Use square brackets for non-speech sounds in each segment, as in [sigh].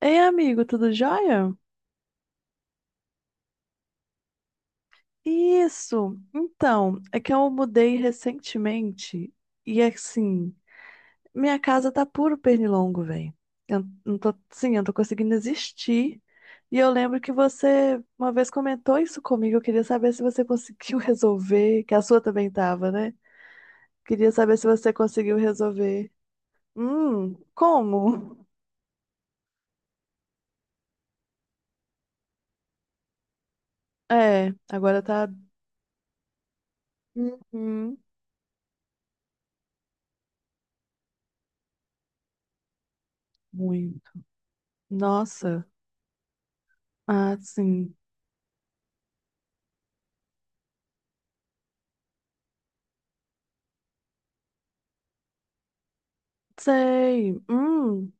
Ei, amigo, tudo jóia? Isso. Então, é que eu mudei recentemente e assim, minha casa tá puro pernilongo, velho. Eu não tô, sim, eu não tô conseguindo existir. E eu lembro que você uma vez comentou isso comigo. Eu queria saber se você conseguiu [laughs] resolver, que a sua também tava, né? Queria saber se você conseguiu resolver. Como? É, agora tá. Uhum. Muito. Nossa. Ah, sim. Sei.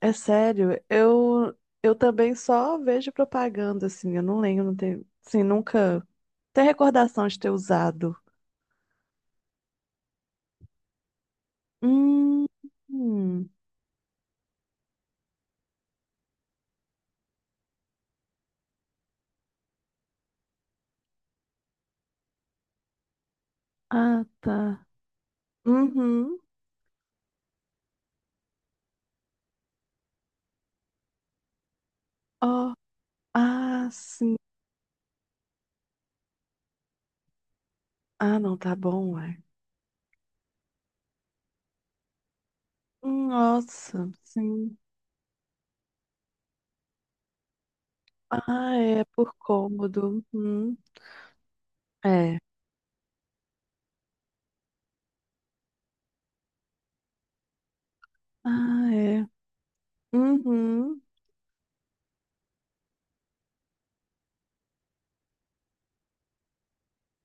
É sério. Eu também só vejo propaganda assim, eu não lembro, não tenho, assim, nunca tenho recordação de ter usado. Hum. Hum. Ah, tá. Uhum. Ó. Ah, sim. Ah, não, tá bom, ué. Nossa, sim. Ah, é por cômodo. Uhum. É. Ah, é. Uhum.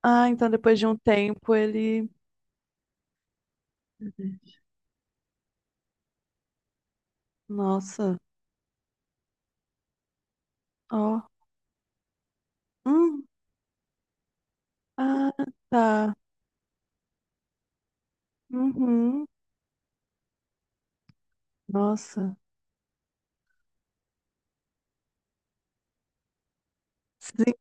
Ah, então depois de um tempo ele. Nossa, ó. Uhum. Ah, tá. Uhum. Nossa. Sim.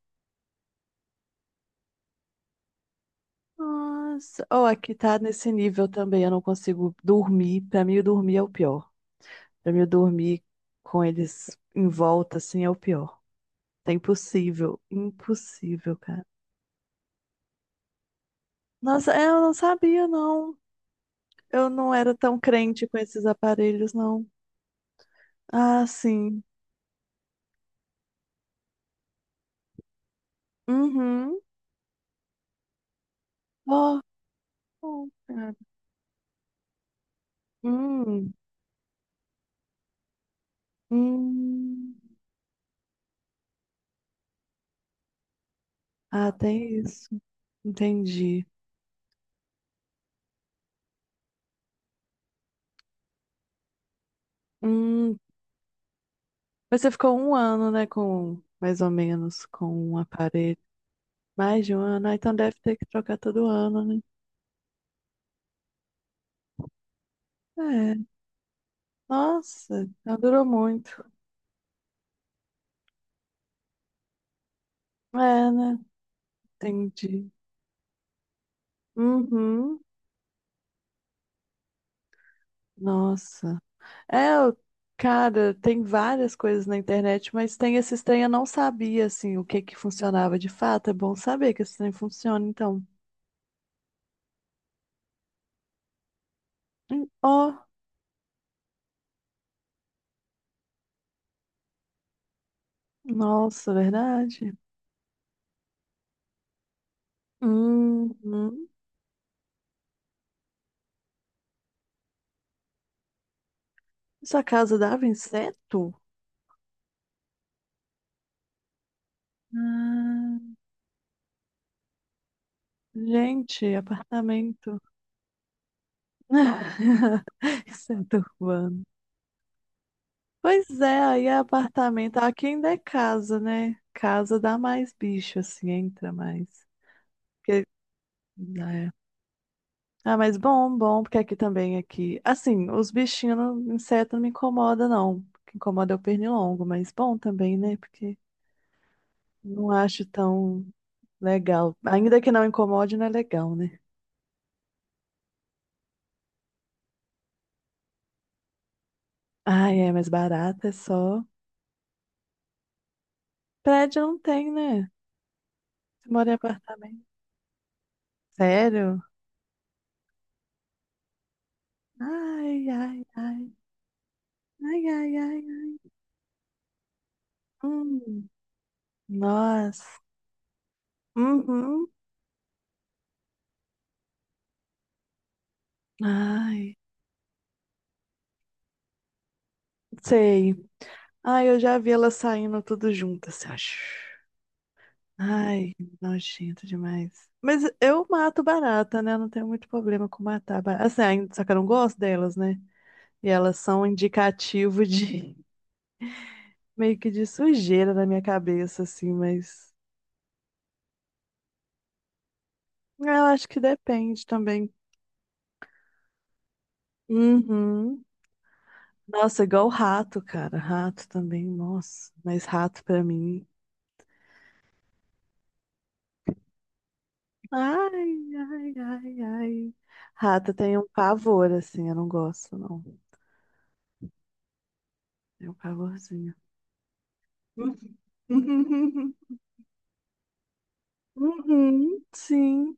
Nossa. Oh, aqui tá nesse nível também. Eu não consigo dormir. Pra mim, dormir é o pior. Pra mim, dormir com eles em volta, assim, é o pior. Tá impossível. Impossível, cara. Nossa, é, eu não sabia, não. Eu não era tão crente com esses aparelhos, não. Ah, sim. Uhum. Ó. Oh, cara. Hum. Hum. Ah, tem isso. Entendi. Hum, Mas você ficou um ano, né, com, mais ou menos, com um aparelho. Mais de um ano, ah, então deve ter que trocar todo ano, né? É, nossa, não durou muito. É, né? Entendi. Uhum, nossa. É, cara, tem várias coisas na internet, mas tem esses trem, eu não sabia, assim, o que que funcionava de fato. É bom saber que esse trem funciona, então. Ó, nossa, verdade. Uhum. Sua casa dava inseto? Ah. Gente, apartamento. [laughs] Centro urbano. Pois é, aí é apartamento. Aqui ainda é casa, né? Casa dá mais bicho, assim, entra mais. Porque- É. Ah, mas bom, bom, porque aqui também, aqui. Assim, os bichinhos, inseto não me incomoda, não. O que incomoda é o pernilongo, mas bom também, né? Porque não acho tão legal. Ainda que não incomode, não é legal, né? Ah, é, mas barata é só. Prédio não tem, né? Você mora em apartamento. Sério? Ai, ai, ai. Ai, ai, ai, ai. Hum, nossa. Uhum. Ai, sei. Ai, eu já vi elas saindo tudo juntas, assim, acho. Ai, nojento demais. Mas eu mato barata, né? Eu não tenho muito problema com matar barata. Assim, ai, só que eu não gosto delas, né? E elas são um indicativo de [laughs] meio que de sujeira na minha cabeça, assim, mas eu acho que depende também. Uhum. Nossa, igual rato, cara. Rato também, nossa. Mas rato pra mim. Ai, ai, ai, ai. Rato tem um pavor, assim, eu não gosto, não. Tem um pavorzinho. [laughs] Uhum, sim.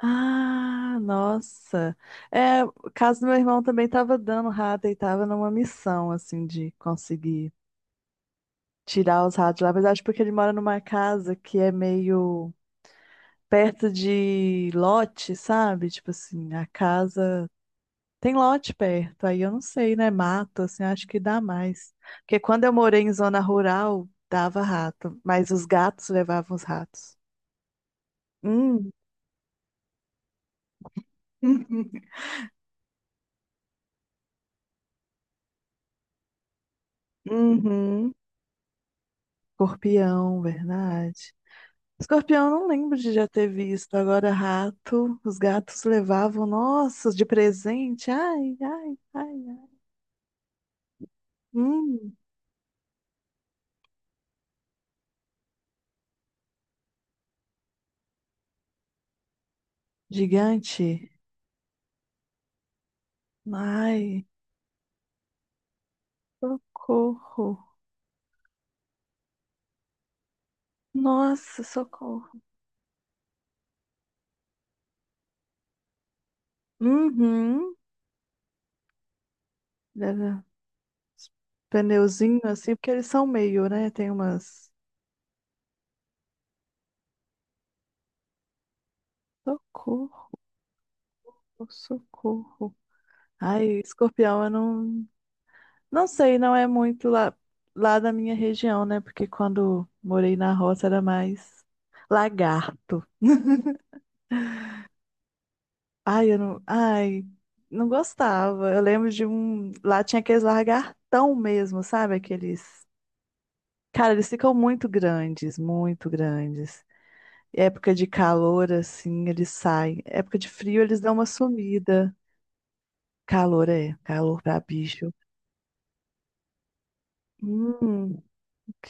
Ah, nossa. É, o caso do meu irmão também tava dando rato e tava numa missão, assim, de conseguir tirar os ratos lá. Mas acho porque ele mora numa casa que é meio perto de lote, sabe? Tipo assim, a casa tem lote perto, aí eu não sei, né? Mato, assim, acho que dá mais. Porque quando eu morei em zona rural, dava rato, mas os gatos levavam os ratos. Hum, [laughs] uhum. Escorpião, verdade. Escorpião, eu não lembro de já ter visto. Agora, rato, os gatos levavam, nossa, de presente. Ai, ai, ai, ai. Hum, gigante. Ai. Socorro. Nossa, socorro. Uhum. Deve... Pneuzinho assim, porque eles são meio, né? Tem umas. Socorro, socorro. Ai, escorpião, eu não. Não sei, não é muito lá da minha região, né? Porque quando morei na roça era mais lagarto. [laughs] Ai, eu não. Ai, não gostava. Eu lembro de um. Lá tinha aqueles lagartão mesmo, sabe? Aqueles. Cara, eles ficam muito grandes, muito grandes. Época de calor, assim, eles saem. Época de frio, eles dão uma sumida. Calor é, calor pra bicho. Hum, ok.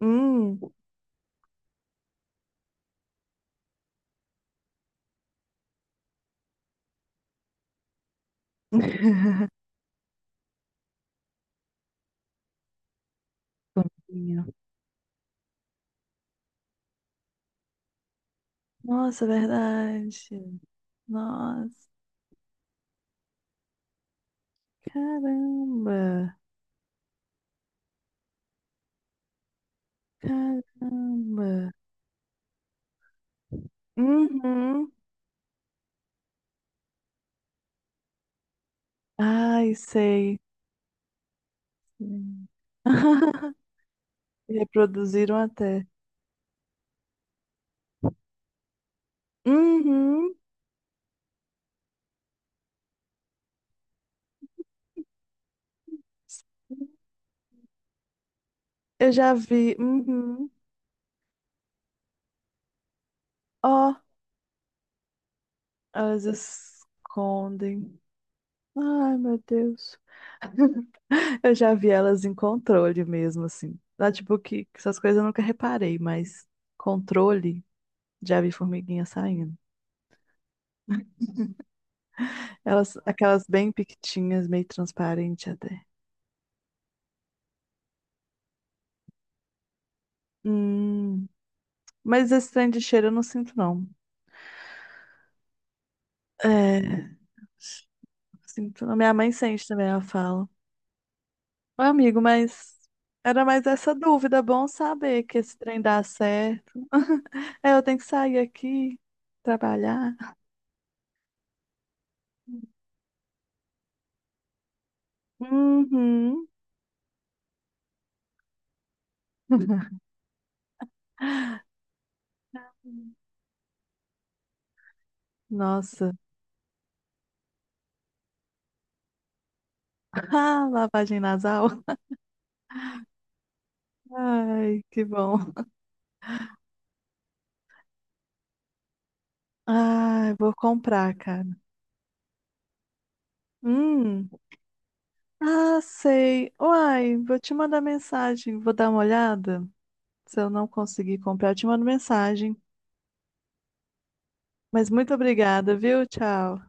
Hum. [laughs] Fofinho. Nossa, verdade. Nossa, caramba, caramba. Uhum. Ai, sei. Sim. [laughs] Reproduziram até. Uhum. Eu já vi. Uhum. Ó, elas escondem. Ai, meu Deus. Eu já vi elas em controle mesmo, assim. Lá, tipo, que essas coisas eu nunca reparei, mas controle, já vi formiguinha saindo. Elas, aquelas bem piquitinhas, meio transparente até. Hum, mas esse trem de cheiro eu não sinto, não. É, sinto, não. Minha mãe sente também, ela fala. Ô, amigo, mas era mais essa dúvida. Bom saber que esse trem dá certo. [laughs] É, eu tenho que sair aqui, trabalhar. Uhum. [laughs] Nossa. Ah, lavagem nasal. Ai, que bom. Ai, vou comprar, cara. Hum. Ah, sei. Uai, vou te mandar mensagem. Vou dar uma olhada. Se eu não conseguir comprar, eu te mando mensagem. Mas muito obrigada, viu? Tchau.